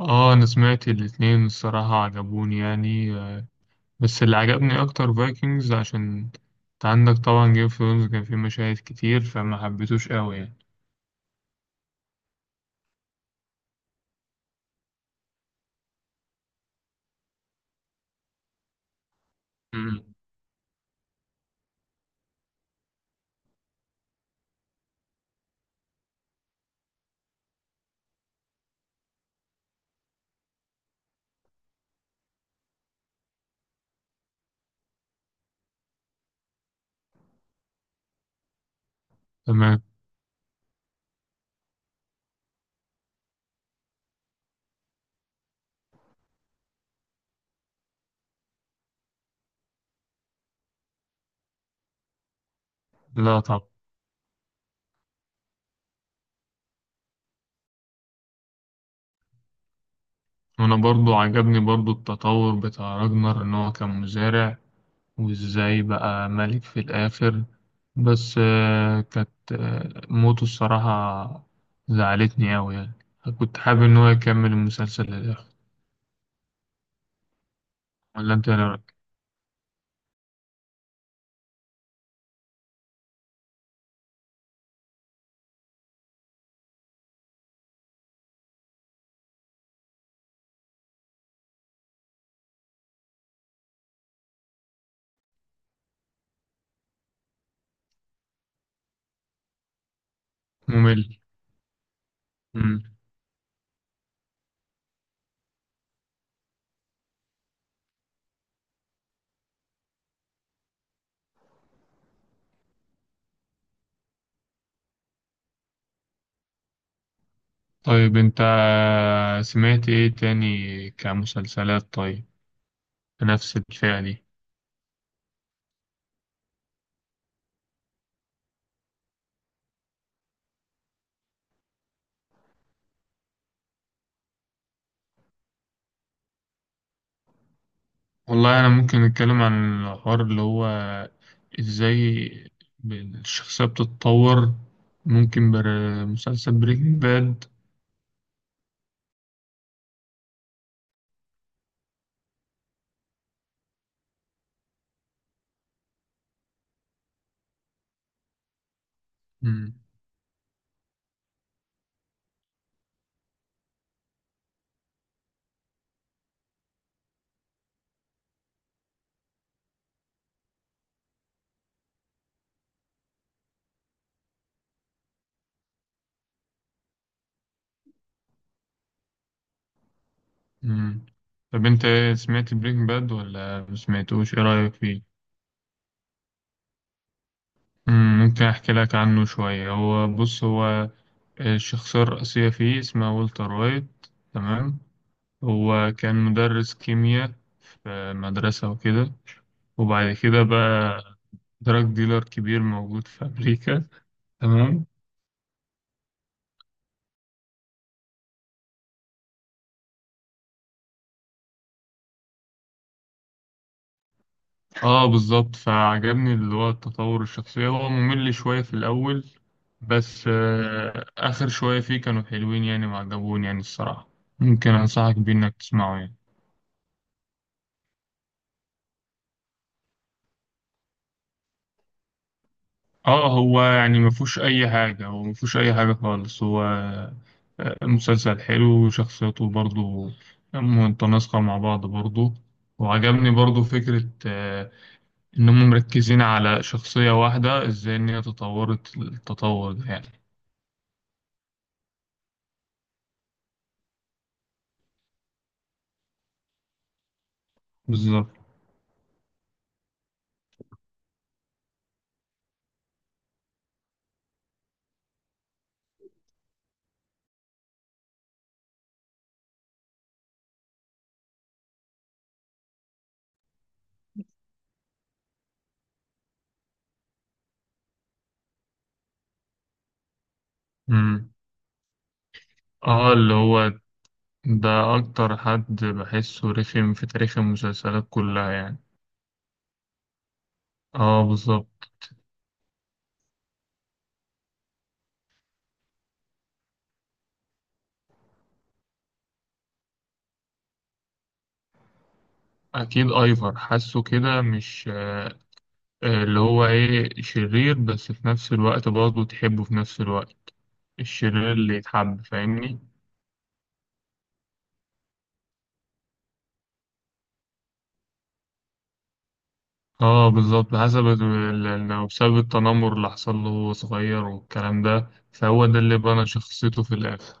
اه، انا سمعت الاتنين الصراحة عجبوني يعني بس اللي عجبني اكتر فايكنجز عشان انت عندك طبعا جيم اوف ثرونز كان فيه مشاهد كتير فما حبيتوش قوي يعني. مم. تمام. لا طبعا، وانا برضو عجبني برضو التطور بتاع راجنر ان هو كان مزارع وازاي بقى ملك في الاخر. بس كانت موته الصراحة زعلتني قوي يعني. كنت حابب ان هو يكمل المسلسل للاخر. ولا انت إيه رأيك؟ ممل. طيب انت سمعت ايه تاني كمسلسلات؟ طيب بنفس الفئة دي. والله انا ممكن نتكلم عن الحوار اللي هو ازاي الشخصية بتتطور. ممكن مسلسل بريكنج باد. طب انت ايه، سمعت بريكنج باد ولا مسمعتوش؟ ايه رأيك فيه؟ ممكن احكي لك عنه شوية. هو بص، هو الشخصية الرئيسية فيه اسمها والتر وايت. تمام. هو كان مدرس كيمياء في مدرسة وكده، وبعد كده بقى دراج ديلر كبير موجود في أمريكا. تمام. اه، بالظبط، فعجبني اللي هو التطور الشخصية. هو ممل شوية في الأول، بس آخر شوية فيه كانوا حلوين يعني وعجبوني يعني الصراحة. ممكن أنصحك بيه إنك تسمعه يعني. اه، هو يعني ما فيهوش اي حاجه، هو ما فيهوش اي حاجه خالص. هو مسلسل حلو وشخصيته برضو متناسقه مع بعض برضو. وعجبني برضو فكره انهم مركزين على شخصيه واحده ازاي ان هي تطورت التطور ده يعني. بالظبط. مم. اه، اللي هو ده اكتر حد بحسه رخم في تاريخ المسلسلات كلها يعني. اه، بالظبط. اكيد ايفر، حاسه كده. مش اللي هو ايه، شرير بس في نفس الوقت برضه تحبه في نفس الوقت. الشرير اللي يتحب، فاهمني؟ اه، بالظبط، حسب لو بسبب التنمر اللي حصل له وهو صغير والكلام ده، فهو ده اللي بنى شخصيته في الآخر.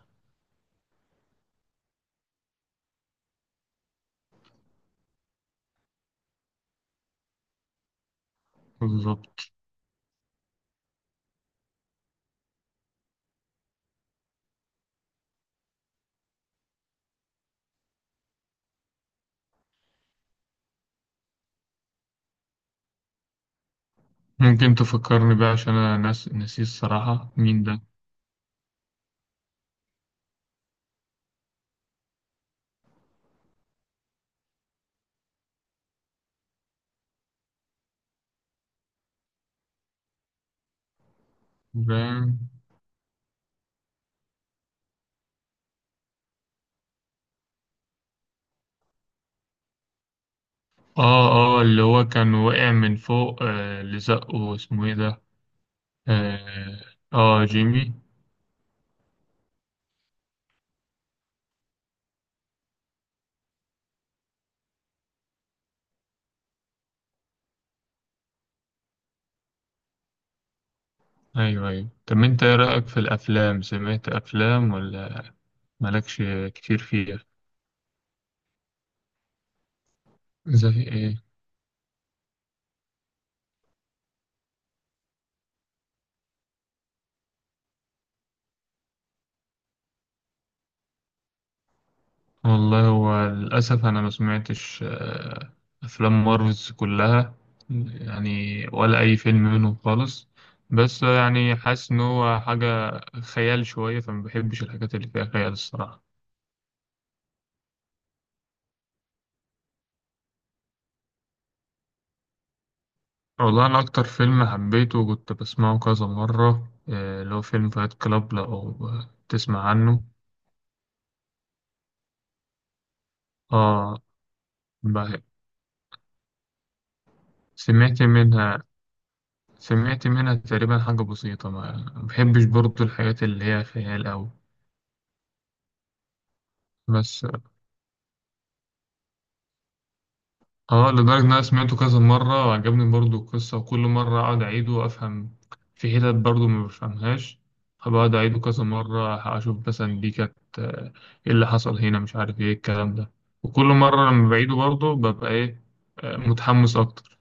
بالظبط. ممكن تفكرني بقى عشان انا ناس نسيت الصراحة، مين ده؟ ده- اه، اه، اللي هو كان وقع من فوق، اللي زقه اسمه ايه ده؟ اه. جيمي. ايوه، ايوه. طب انت ايه رأيك في الافلام؟ سمعت افلام ولا مالكش كتير فيها؟ زي ايه؟ والله هو للاسف انا ما سمعتش افلام مارفلز كلها يعني، ولا اي فيلم منهم خالص. بس يعني حاسس ان هو حاجة خيال شوية، فما بحبش الحاجات اللي فيها خيال الصراحة. والله انا اكتر فيلم حبيته وكنت بسمعه كذا مرة اللي هو فيلم فايت كلاب، لو تسمع عنه. اه. بح- سمعت منها. سمعت منها تقريبا حاجة بسيطة، ما بحبش برضو الحاجات اللي هي خيال أوي. بس اه، لدرجة إن أنا سمعته كذا مرة وعجبني برضو القصة، وكل مرة أقعد أعيده وأفهم. في حتت برضو ما بفهمهاش، فبقعد أعيده كذا مرة أشوف مثلا دي كانت إيه اللي حصل هنا، مش عارف إيه الكلام ده. وكل مرة لما بعيده برضو ببقى إيه متحمس أكتر.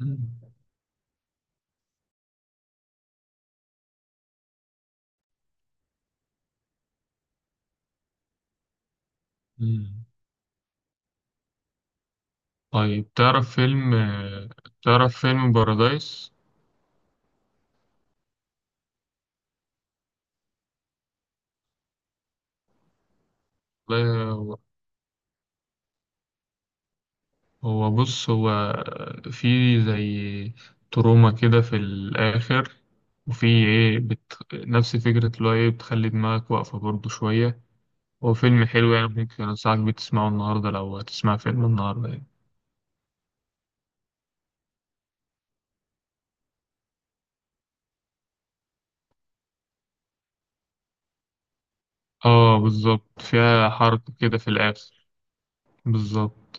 مم. مم. طيب، تعرف فيلم بارادايس؟ هو بص، هو في زي تروما كده في الآخر. وفي إيه نفس فكرة اللي هو إيه بتخلي دماغك واقفة برضه شوية. هو فيلم حلو يعني، ممكن أنصحك بيه تسمعه النهاردة، لو هتسمع فيلم النهاردة يعني. آه، بالظبط، فيها حركة كده في الآخر. بالظبط.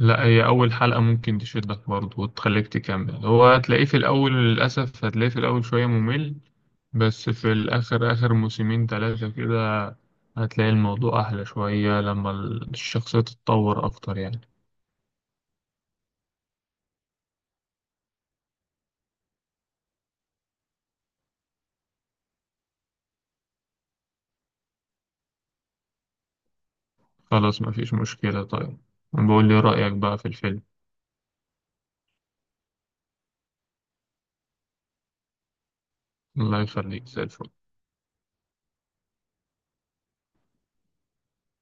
لا، هي أول حلقة ممكن تشدك برضه وتخليك تكمل. هو هتلاقيه في الأول، للأسف هتلاقيه في الأول شوية ممل، بس في الآخر آخر موسمين تلاتة كده هتلاقي الموضوع أحلى شوية، لما الشخصية تتطور أكتر يعني. خلاص، مفيش مشكلة. طيب بقول لي رأيك بقى في الفيلم. الله يخليك، زي الفل.